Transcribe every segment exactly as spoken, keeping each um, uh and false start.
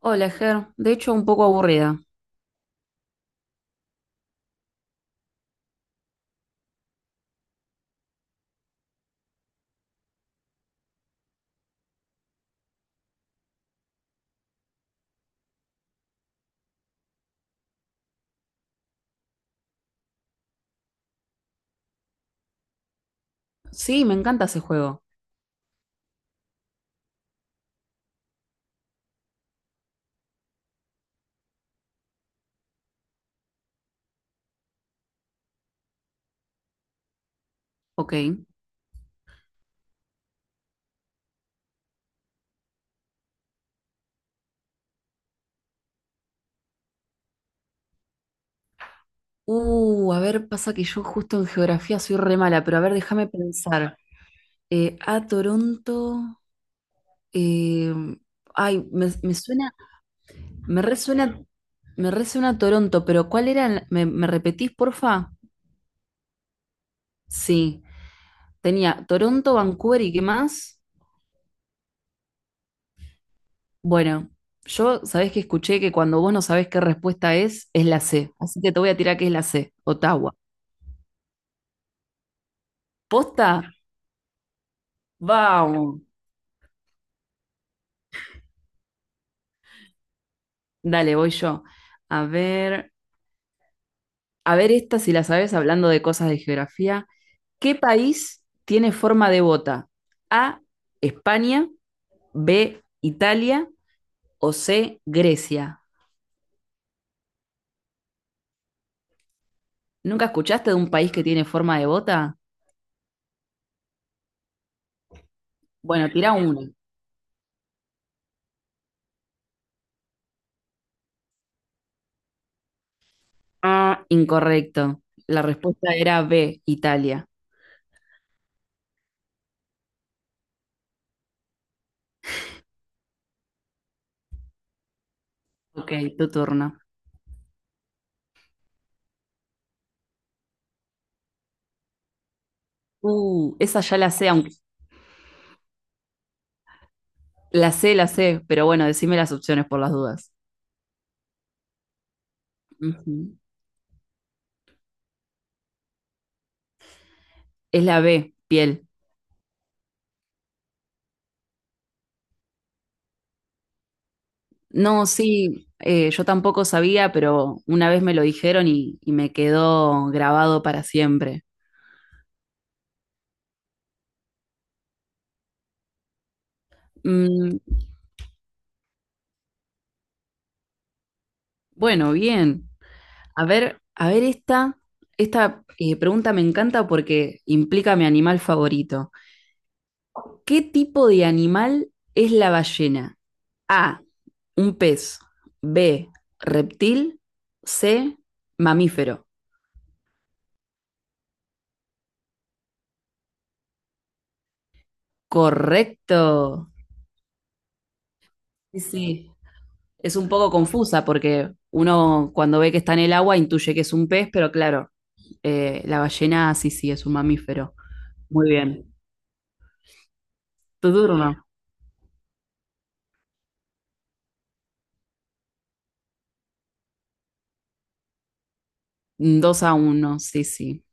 Hola, Ger. De hecho, un poco aburrida. Sí, me encanta ese juego. Ok. Uh, a ver, pasa que yo justo en geografía soy re mala, pero a ver, déjame pensar. Eh, a Toronto. eh, ay, me, me suena. Me resuena. Me resuena Toronto, pero ¿cuál era? el- ¿Me, me repetís, porfa? Sí. Tenía Toronto, Vancouver y qué más. Bueno, yo sabés que escuché que cuando vos no sabés qué respuesta es, es la C. Así que te voy a tirar que es la C, Ottawa. ¿Posta? Vamos. Dale, voy yo. A ver, a ver esta si la sabes hablando de cosas de geografía. ¿Qué país tiene forma de bota? A, España, B, Italia o C, Grecia. ¿Nunca escuchaste de un país que tiene forma de bota? Bueno, tira uno. Ah, incorrecto. La respuesta era B, Italia. Ok, tu turno. Uh, esa ya la sé, aunque la sé, la sé, pero bueno, decime las opciones por las dudas. Ujú. Es la B, piel. No, sí, eh, yo tampoco sabía, pero una vez me lo dijeron y, y me quedó grabado para siempre. Mm, bueno, bien. A ver, a ver esta, esta eh, pregunta me encanta porque implica mi animal favorito. ¿Qué tipo de animal es la ballena? A, un pez. B, reptil. C, mamífero. Correcto. Sí, sí. Es un poco confusa porque uno cuando ve que está en el agua intuye que es un pez, pero claro, eh, la ballena sí, sí, es un mamífero. Muy bien. Tu turno. Dos a uno, sí, sí.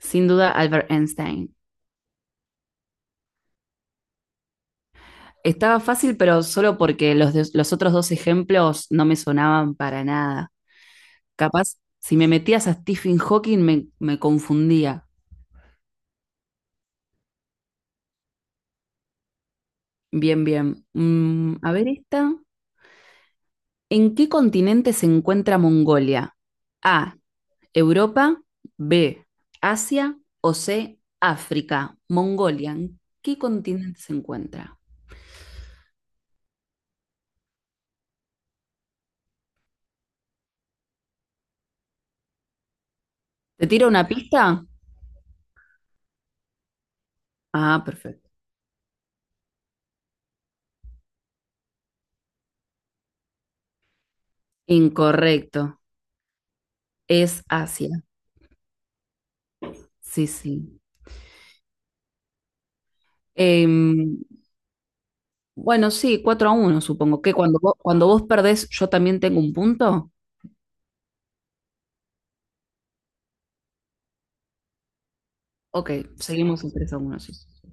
Sin duda, Albert Einstein. Estaba fácil, pero solo porque los, de- los otros dos ejemplos no me sonaban para nada. Capaz, si me metías a Stephen Hawking me, me confundía. Bien, bien. Mm, a ver esta. ¿En qué continente se encuentra Mongolia? A, Europa, B, Asia o C, África, Mongolia. ¿En qué continente se encuentra? ¿Te tiro una pista? Ah, perfecto. Incorrecto. Es Asia. Sí, sí. Em, bueno, sí, cuatro a uno, supongo. ¿Que cuando vos, cuando vos perdés, yo también tengo un punto? Ok, seguimos en tres a uno. Sí. Sí, sí.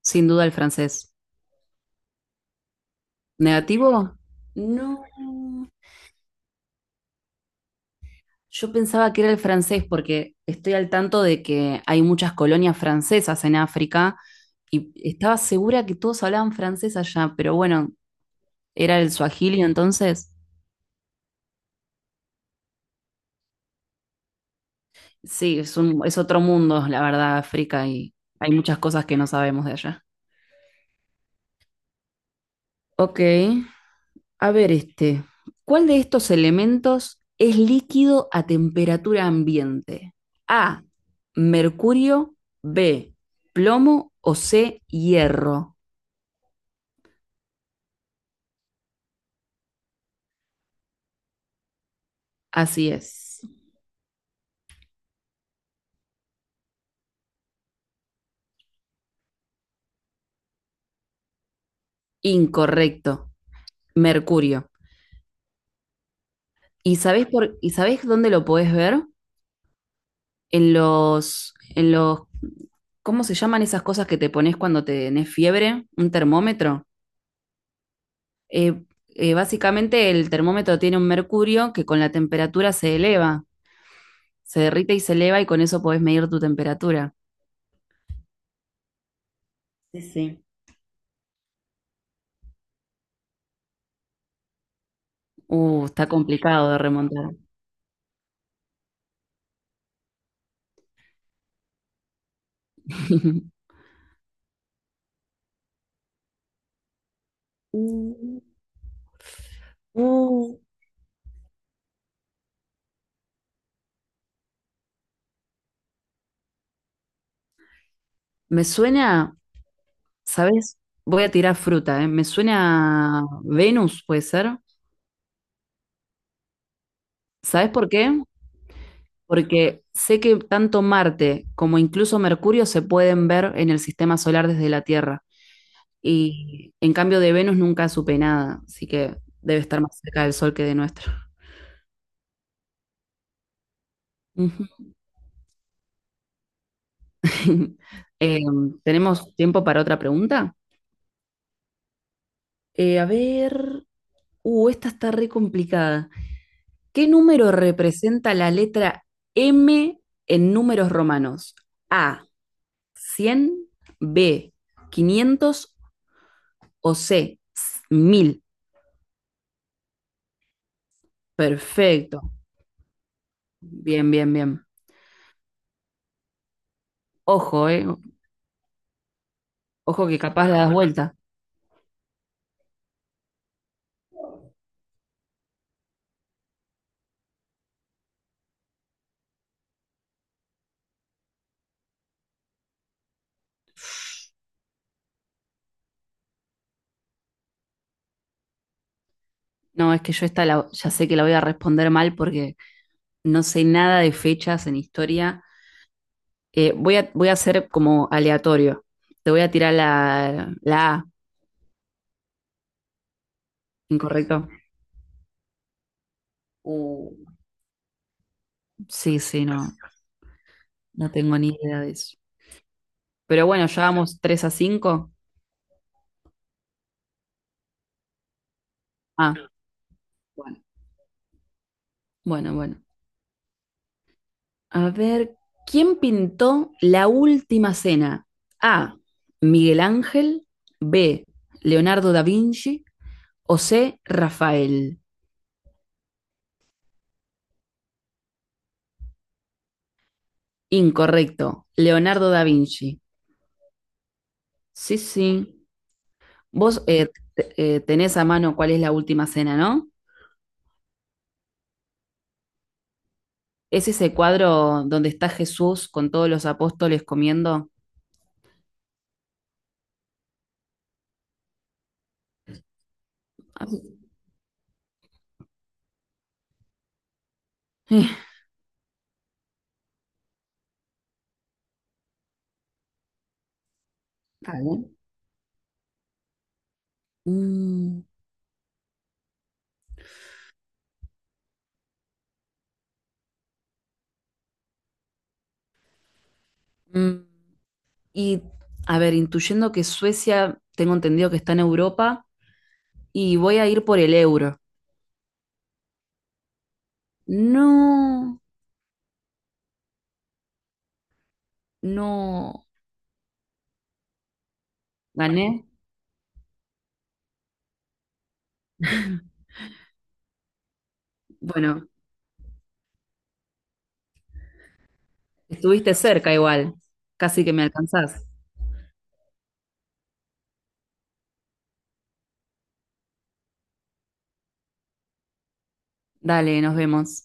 Sin duda el francés. ¿Negativo? No. Yo pensaba que era el francés porque estoy al tanto de que hay muchas colonias francesas en África y estaba segura que todos hablaban francés allá, pero bueno, era el suajili entonces. Sí, es un, es otro mundo, la verdad, África y hay muchas cosas que no sabemos de allá. Ok, a ver este. ¿Cuál de estos elementos es líquido a temperatura ambiente? A, mercurio, B, plomo o C, hierro. Así es. Incorrecto. Mercurio. ¿Y sabés por, y sabés dónde lo podés ver? En los, en los, ¿Cómo se llaman esas cosas que te pones cuando tenés fiebre? ¿Un termómetro? Eh, eh, Básicamente el termómetro tiene un mercurio que con la temperatura se eleva, se derrite y se eleva y con eso podés medir tu temperatura. Sí, sí. Uh, está complicado de remontar. Mm, mm. Me suena. ¿Sabes? Voy a tirar fruta, ¿eh? Me suena a Venus, puede ser. ¿Sabes por qué? Porque sé que tanto Marte como incluso Mercurio se pueden ver en el sistema solar desde la Tierra. Y en cambio de Venus nunca supe nada, así que debe estar más cerca del Sol que de nuestro. Ujú. Eh, ¿Tenemos tiempo para otra pregunta? Eh, a ver. Uh, esta está re complicada. ¿Qué número representa la letra M en números romanos? A, cien, B, quinientos o C, mil. Perfecto. Bien, bien, bien. Ojo, eh. Ojo que capaz la das vuelta. No, es que yo esta la- ya sé que la voy a responder mal porque no sé nada de fechas en historia. Eh, voy a, voy a hacer como aleatorio. Te voy a tirar la, la A, incorrecto. Uh, sí, sí, no, no tengo ni idea de eso. Pero bueno, ya vamos tres a cinco. Ah, bueno, bueno, bueno. A ver, ¿quién pintó la última cena? A. Miguel Ángel. B. Leonardo da Vinci. O C. Rafael. Incorrecto. Leonardo da Vinci. Sí, sí. Vos eh, t- eh, tenés a mano cuál es la última cena, ¿no? Es ese cuadro donde está Jesús con todos los apóstoles comiendo. Ah, sí. Está bien. Mm, mm. Y, a ver, intuyendo que Suecia, tengo entendido que está en Europa, y voy a ir por el euro. No, no. ¿Gané? Bueno, estuviste cerca igual. Casi que me alcanzás. Dale, nos vemos.